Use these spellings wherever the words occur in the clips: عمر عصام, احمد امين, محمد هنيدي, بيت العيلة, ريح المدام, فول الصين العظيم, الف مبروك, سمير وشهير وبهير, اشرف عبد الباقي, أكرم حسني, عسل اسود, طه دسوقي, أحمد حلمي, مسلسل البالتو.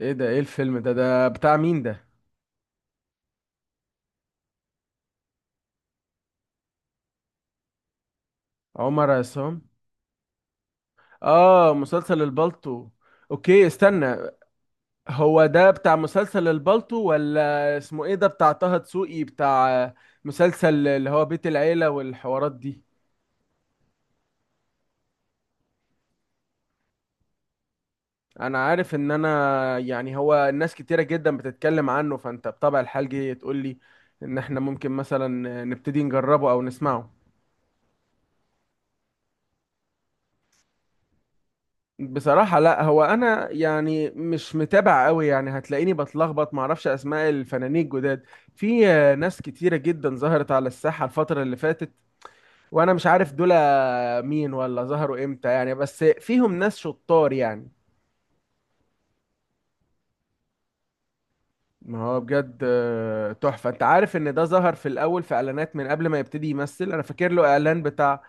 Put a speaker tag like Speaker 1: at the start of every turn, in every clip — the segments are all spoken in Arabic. Speaker 1: ايه ده؟ ايه الفيلم ده بتاع مين ده؟ عمر عصام. اه، مسلسل البالتو. اوكي، استنى. هو ده بتاع مسلسل البالتو ولا اسمه ايه؟ ده بتاع طه دسوقي؟ بتاع مسلسل اللي هو بيت العيلة والحوارات دي؟ انا عارف ان انا هو الناس كتيرة جدا بتتكلم عنه، فانت بطبع الحال جاي تقول لي ان احنا ممكن مثلا نبتدي نجربه او نسمعه. بصراحة لا، هو أنا يعني مش متابع قوي، يعني هتلاقيني بتلخبط، معرفش أسماء الفنانين الجداد. في ناس كتيرة جدا ظهرت على الساحة الفترة اللي فاتت، وأنا مش عارف دول مين ولا ظهروا إمتى يعني، بس فيهم ناس شطار يعني. ما هو بجد تحفة. أنت عارف إن ده ظهر في الأول في إعلانات من قبل ما يبتدي يمثل؟ أنا فاكر له إعلان بتاع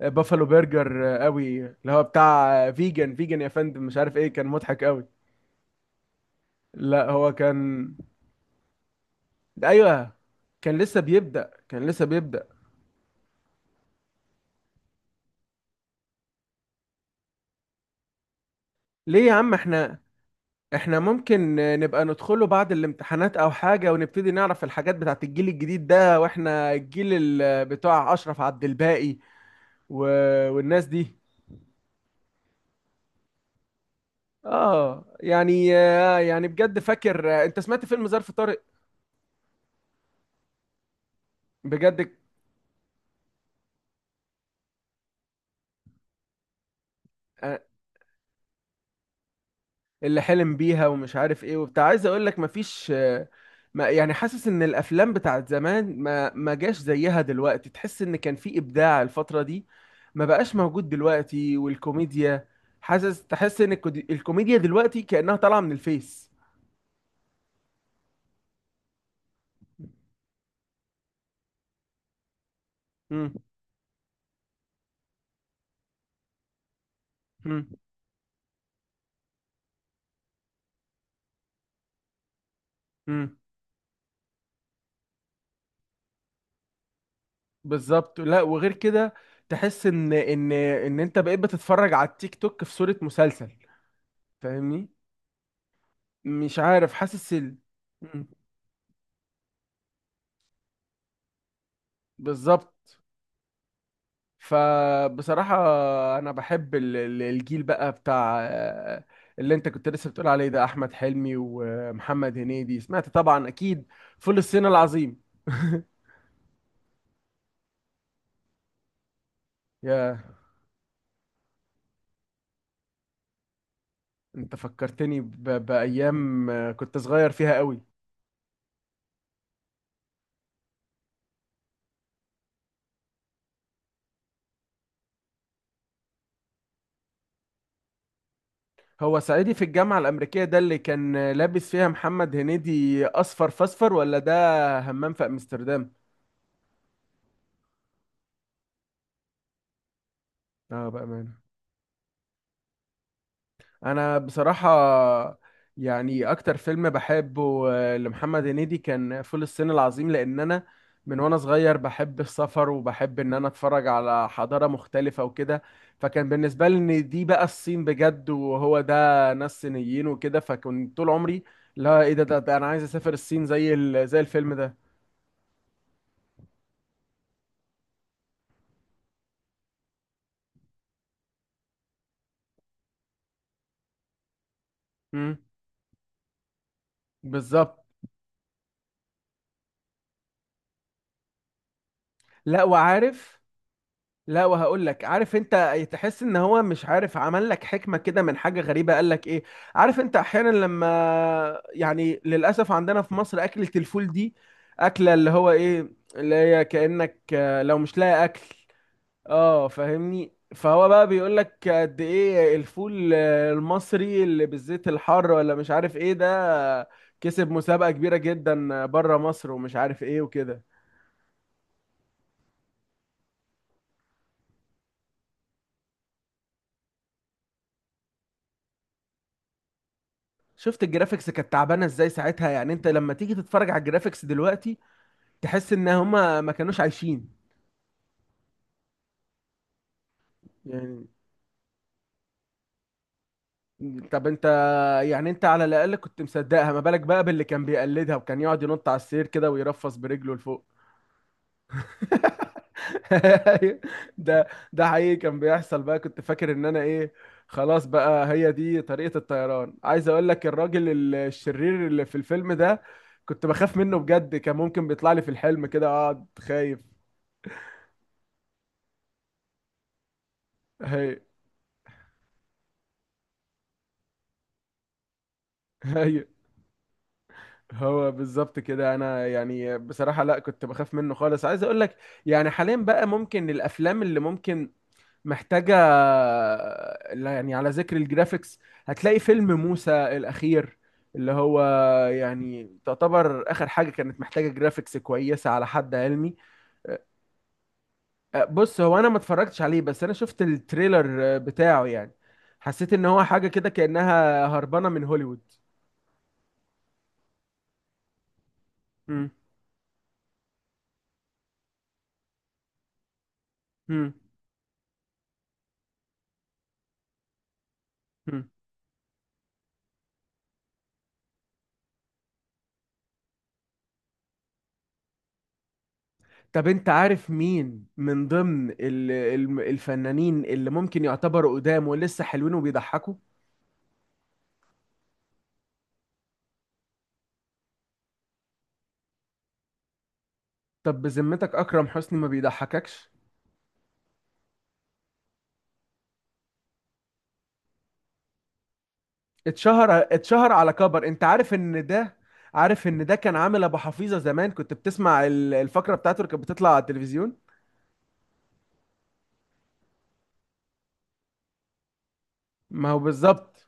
Speaker 1: بافالو برجر، قوي، اللي هو بتاع فيجن فيجن يا فندم، مش عارف إيه، كان مضحك قوي. لا هو كان، ايوه. كان لسه بيبدأ، كان لسه بيبدأ. ليه يا عم؟ احنا، احنا ممكن نبقى ندخله بعد الامتحانات او حاجة، ونبتدي نعرف الحاجات بتاعت الجيل الجديد ده، واحنا الجيل بتاع اشرف عبد الباقي و... والناس دي. اه يعني يعني بجد فاكر. انت سمعت فيلم ظرف طارق؟ بجد؟ آه، اللي حلم بيها ومش عارف ايه وبتاع. عايز اقول لك مفيش ما يعني، حاسس ان الافلام بتاعت زمان ما جاش زيها دلوقتي، تحس ان كان في ابداع الفترة دي ما بقاش موجود دلوقتي. والكوميديا، حاسس، تحس ان الكوميديا دلوقتي كأنها طالعة من الفيس. امم. امم. امم. بالظبط. لا وغير كده، تحس ان ان انت بقيت بتتفرج على التيك توك في صورة مسلسل، فاهمني؟ مش عارف، حاسس مم. بالظبط. فبصراحة أنا بحب الجيل بقى بتاع اللي أنت كنت لسه بتقول عليه ده، أحمد حلمي ومحمد هنيدي. سمعت طبعا أكيد فول الصين العظيم. يا، أنت فكرتني بأيام كنت صغير فيها قوي. هو صعيدي في الجامعة الأمريكية ده اللي كان لابس فيها محمد هنيدي أصفر فاصفر ولا ده همام في أمستردام؟ اه بأمانة. انا بصراحة يعني اكتر فيلم بحبه لمحمد هنيدي كان فول الصين العظيم، لان انا من وانا صغير بحب السفر وبحب ان انا اتفرج على حضارة مختلفة وكده، فكان بالنسبة لي ان دي بقى الصين بجد، وهو ده ناس صينيين وكده، فكنت طول عمري، لا ايه ده، ده انا عايز اسافر الصين زي زي الفيلم ده. امم. بالظبط. لا وعارف. لا وهقول لك، عارف انت تحس ان هو، مش عارف، عمل لك حكمه كده من حاجه غريبه. قال لك ايه؟ عارف انت احيانا لما، يعني للاسف عندنا في مصر اكله الفول دي، اكله اللي هو ايه اللي هي كانك لو مش لاقي اكل. اه فاهمني؟ فهو بقى بيقول لك قد ايه الفول المصري اللي بالزيت الحار ولا مش عارف ايه ده. آه، كسب مسابقه كبيره جدا بره مصر ومش عارف ايه وكده. شفت الجرافيكس كانت تعبانه ازاي ساعتها؟ يعني انت لما تيجي تتفرج على الجرافيكس دلوقتي، تحس ان هما ما كانوش عايشين يعني. طب انت، يعني انت على الاقل كنت مصدقها، ما بالك بقى باللي كان بيقلدها وكان يقعد ينط على السرير كده ويرفس برجله لفوق. ده، ده حقيقي كان بيحصل بقى، كنت فاكر ان انا ايه، خلاص بقى هي دي طريقة الطيران. عايز اقول لك الراجل الشرير اللي في الفيلم ده، كنت بخاف منه بجد، كان ممكن بيطلع لي في الحلم كده اقعد خايف. هي. هي. هو بالظبط كده. انا يعني بصراحة لا، كنت بخاف منه خالص. عايز اقول لك، يعني حاليا بقى ممكن الافلام اللي ممكن، محتاجة، لا يعني على ذكر الجرافيكس، هتلاقي فيلم موسى الاخير، اللي هو يعني تعتبر اخر حاجة كانت محتاجة جرافيكس كويسة على حد علمي. أه، بص، هو انا ما اتفرجتش عليه، بس انا شفت التريلر أه، بتاعه يعني، حسيت ان هو حاجة كده كأنها هربانة من هوليوود. مم. مم. طب انت عارف مين من ضمن الفنانين اللي ممكن يعتبروا قدام ولسه حلوين وبيضحكوا؟ طب بذمتك اكرم حسني ما بيضحككش؟ اتشهر، اتشهر على كبر. انت عارف ان ده، عارف ان ده كان عامل ابو حفيظه زمان؟ كنت بتسمع الفقره بتاعته اللي كانت بتطلع على التلفزيون؟ ما هو بالظبط.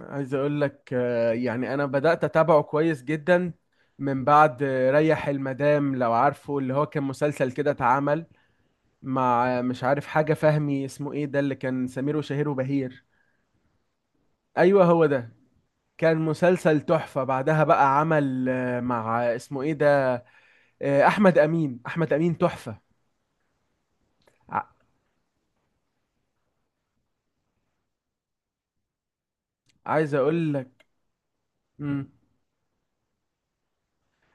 Speaker 1: عايز اقول لك يعني انا بدات اتابعه كويس جدا من بعد ريح المدام، لو عارفه، اللي هو كان مسلسل كده اتعمل مع مش عارف حاجة فهمي، اسمه ايه ده اللي كان سمير وشهير وبهير؟ ايوه هو ده. كان مسلسل تحفة. بعدها بقى عمل مع اسمه ايه ده، احمد امين، احمد امين تحفة. ع- عايز اقول لك مم،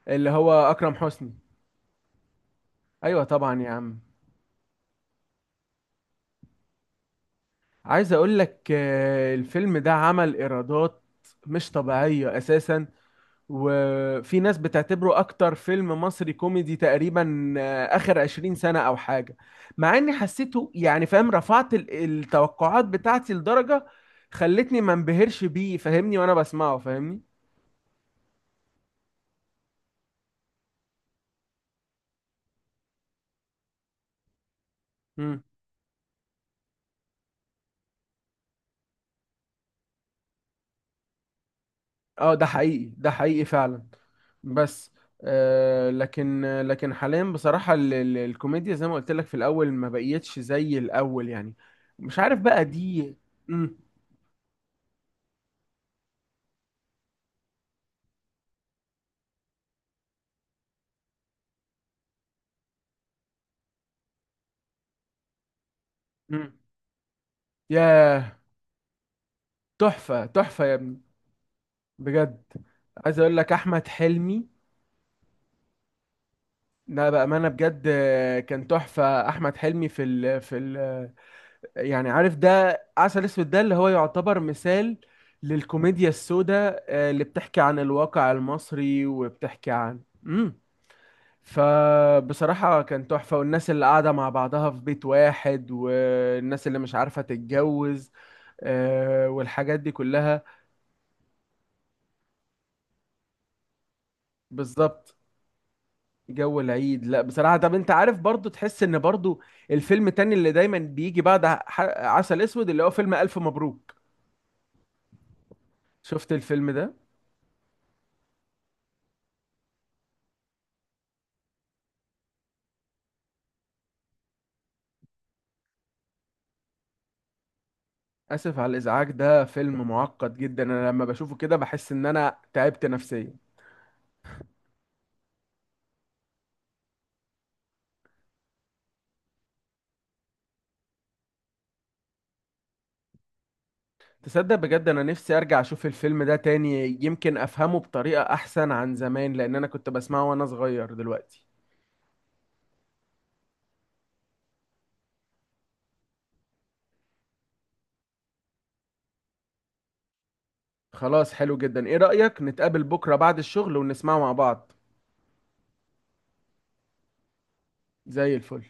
Speaker 1: اللي هو اكرم حسني. ايوه طبعا يا عم. عايز اقول لك الفيلم ده عمل ايرادات مش طبيعية اساسا، وفي ناس بتعتبره اكتر فيلم مصري كوميدي تقريبا اخر 20 سنة او حاجة. مع اني حسيته يعني فاهم، رفعت التوقعات بتاعتي لدرجة خلتني ما انبهرش بيه، فاهمني، وانا بسمعه، فاهمني؟ مم. اه ده حقيقي، ده حقيقي فعلا. بس آه، لكن حاليا بصراحة الكوميديا زي ما قلت لك في الأول ما بقيتش زي الأول يعني، مش عارف بقى دي. مم. مم. ياه. تحفة، تحفة يا ابني، بجد. عايز اقول لك احمد حلمي، لا بامانه بجد كان تحفه احمد حلمي في ال، يعني عارف ده عسل اسود ده اللي هو يعتبر مثال للكوميديا السوداء اللي بتحكي عن الواقع المصري وبتحكي عن، امم، فبصراحه كان تحفه، والناس اللي قاعده مع بعضها في بيت واحد، والناس اللي مش عارفه تتجوز والحاجات دي كلها. بالظبط. جو العيد، لا بصراحة. طب انت عارف برضو، تحس ان برضو الفيلم التاني اللي دايما بيجي بعد عسل اسود اللي هو فيلم الف مبروك؟ شفت الفيلم ده؟ اسف على الازعاج، ده فيلم معقد جدا، انا لما بشوفه كده بحس ان انا تعبت نفسيا. تصدق بجد انا نفسي ارجع اشوف الفيلم ده تاني، يمكن افهمه بطريقة احسن عن زمان، لان انا كنت بسمعه وانا صغير دلوقتي. خلاص حلو جدا، ايه رأيك نتقابل بكرة بعد الشغل ونسمعه مع بعض؟ زي الفل.